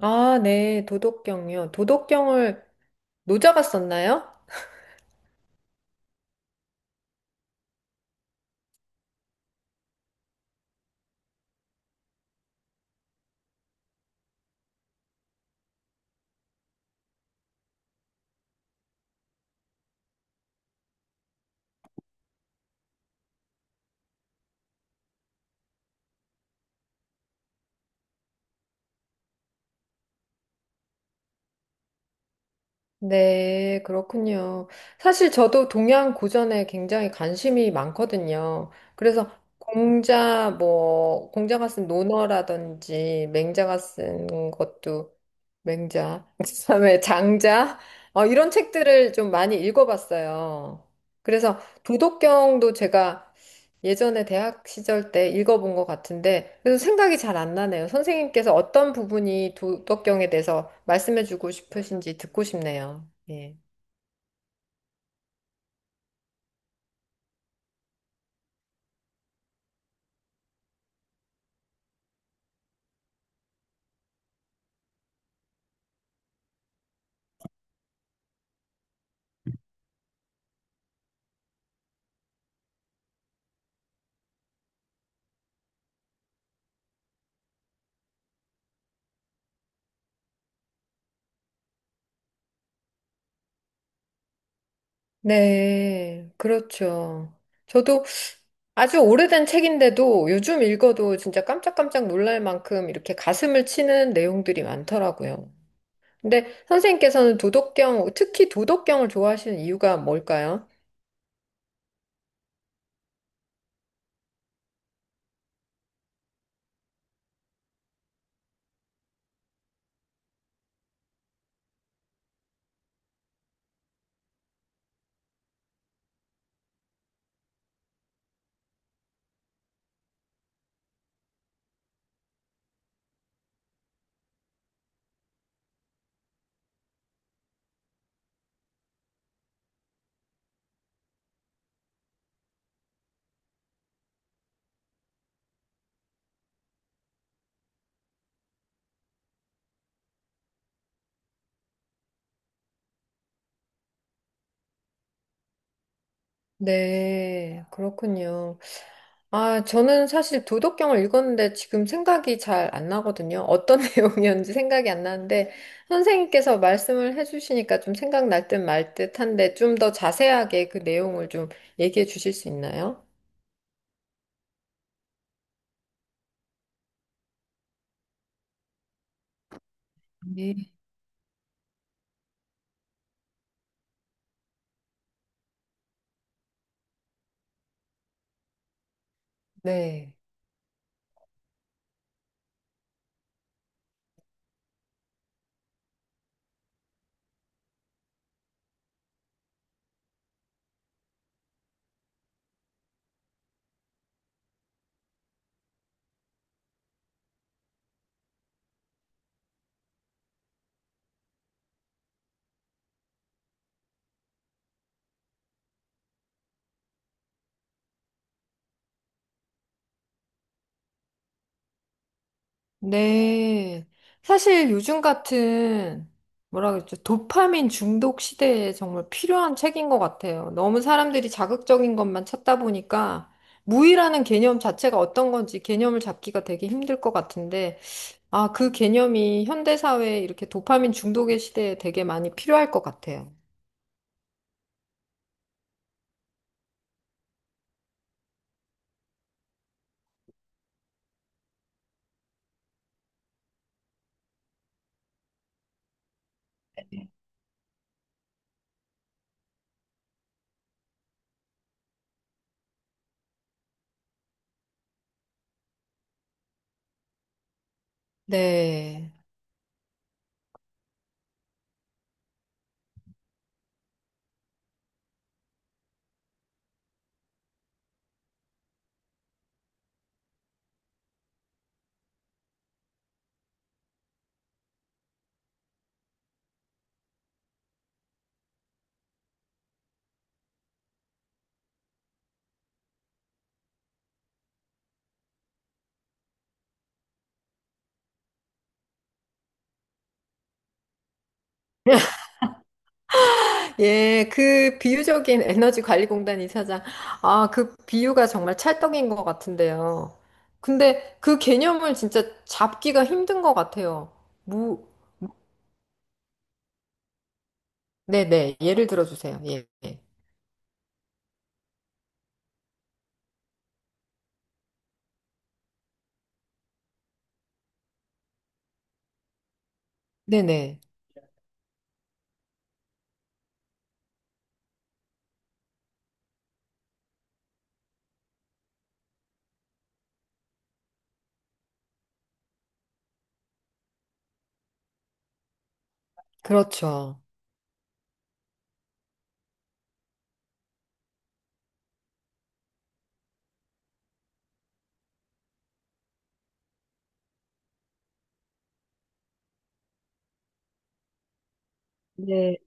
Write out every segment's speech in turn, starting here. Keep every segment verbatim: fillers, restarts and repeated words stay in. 아, 네, 도덕경이요. 도덕경을 노자가 썼나요? 네, 그렇군요. 사실 저도 동양 고전에 굉장히 관심이 많거든요. 그래서 공자, 뭐, 공자가 쓴 논어라든지, 맹자가 쓴 것도, 맹자, 그다음에 장자, 어, 이런 책들을 좀 많이 읽어봤어요. 그래서 도덕경도 제가 예전에 대학 시절 때 읽어본 것 같은데, 그래서 생각이 잘 안 나네요. 선생님께서 어떤 부분이 도덕경에 대해서 말씀해주고 싶으신지 듣고 싶네요. 예. 네, 그렇죠. 저도 아주 오래된 책인데도 요즘 읽어도 진짜 깜짝깜짝 놀랄 만큼 이렇게 가슴을 치는 내용들이 많더라고요. 근데 선생님께서는 도덕경, 특히 도덕경을 좋아하시는 이유가 뭘까요? 네, 그렇군요. 아, 저는 사실 도덕경을 읽었는데 지금 생각이 잘 안 나거든요. 어떤 내용이었는지 생각이 안 나는데 선생님께서 말씀을 해주시니까 좀 생각날 듯 말 듯한데 좀 더 자세하게 그 내용을 좀 얘기해 주실 수 있나요? 네. 네. 네. 사실 요즘 같은, 뭐라 그랬죠? 도파민 중독 시대에 정말 필요한 책인 것 같아요. 너무 사람들이 자극적인 것만 찾다 보니까 무의라는 개념 자체가 어떤 건지 개념을 잡기가 되게 힘들 것 같은데, 아, 그 개념이 현대사회에 이렇게 도파민 중독의 시대에 되게 많이 필요할 것 같아요. 네. 예, 그 비유적인 에너지 관리 공단 이사장. 아, 그 비유가 정말 찰떡인 것 같은데요. 근데 그 개념을 진짜 잡기가 힘든 것 같아요. 뭐, 네네. 예를 들어 주세요. 예. 예. 네네. 그렇죠. 네.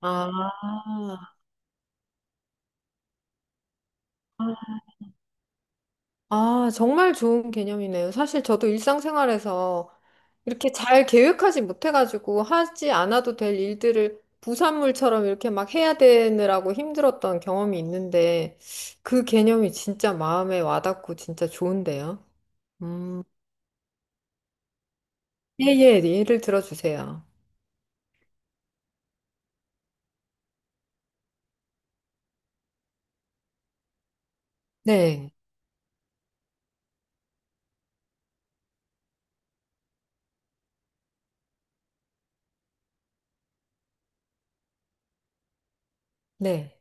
아, 아, 정말 좋은 개념이네요. 사실 저도 일상생활에서 이렇게 잘 계획하지 못해가지고 하지 않아도 될 일들을 부산물처럼 이렇게 막 해야 되느라고 힘들었던 경험이 있는데 그 개념이 진짜 마음에 와닿고 진짜 좋은데요. 음, 예, 예, 예를 들어주세요. 네, 네,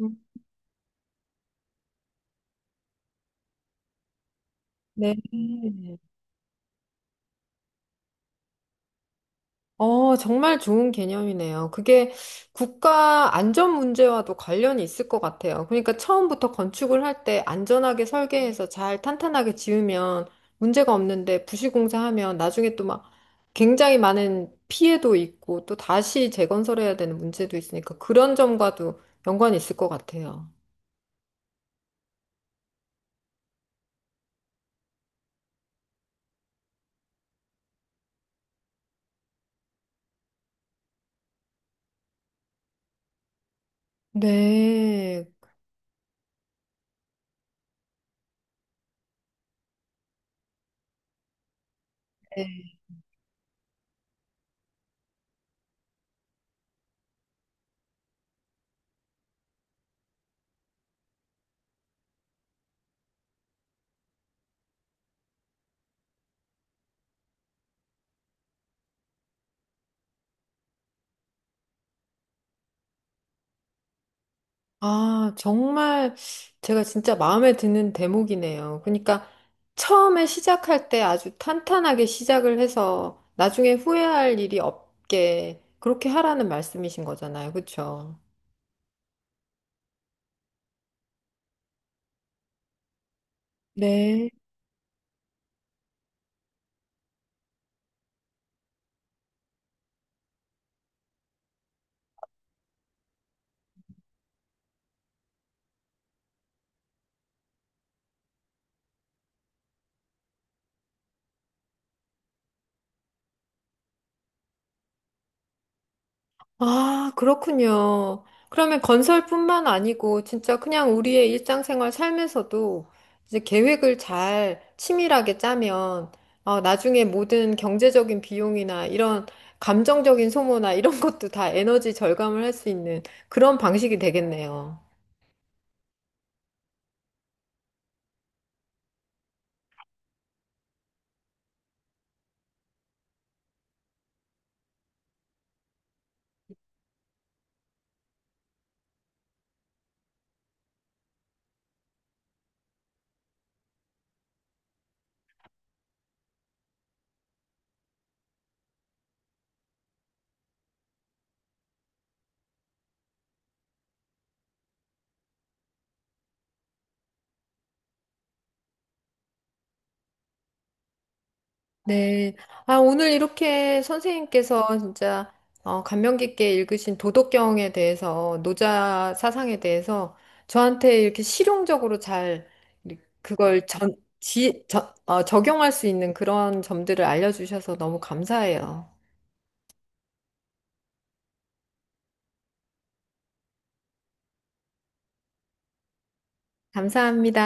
음, 네. 어, 정말 좋은 개념이네요. 그게 국가 안전 문제와도 관련이 있을 것 같아요. 그러니까 처음부터 건축을 할 때 안전하게 설계해서 잘 탄탄하게 지으면 문제가 없는데 부실공사하면 나중에 또 막 굉장히 많은 피해도 있고 또 다시 재건설해야 되는 문제도 있으니까 그런 점과도 연관이 있을 것 같아요. 네. 아, 정말 제가 진짜 마음에 드는 대목이네요. 그러니까 처음에 시작할 때 아주 탄탄하게 시작을 해서 나중에 후회할 일이 없게 그렇게 하라는 말씀이신 거잖아요. 그렇죠? 네. 아, 그렇군요. 그러면 건설뿐만 아니고 진짜 그냥 우리의 일상생활 삶에서도 이제 계획을 잘 치밀하게 짜면 어, 나중에 모든 경제적인 비용이나 이런 감정적인 소모나 이런 것도 다 에너지 절감을 할 수 있는 그런 방식이 되겠네요. 네. 아, 오늘 이렇게 선생님께서 진짜 어, 감명 깊게 읽으신 도덕경에 대해서, 노자 사상에 대해서 저한테 이렇게 실용적으로 잘 그걸 전, 지, 저, 어, 적용할 수 있는 그런 점들을 알려주셔서 너무 감사해요. 감사합니다.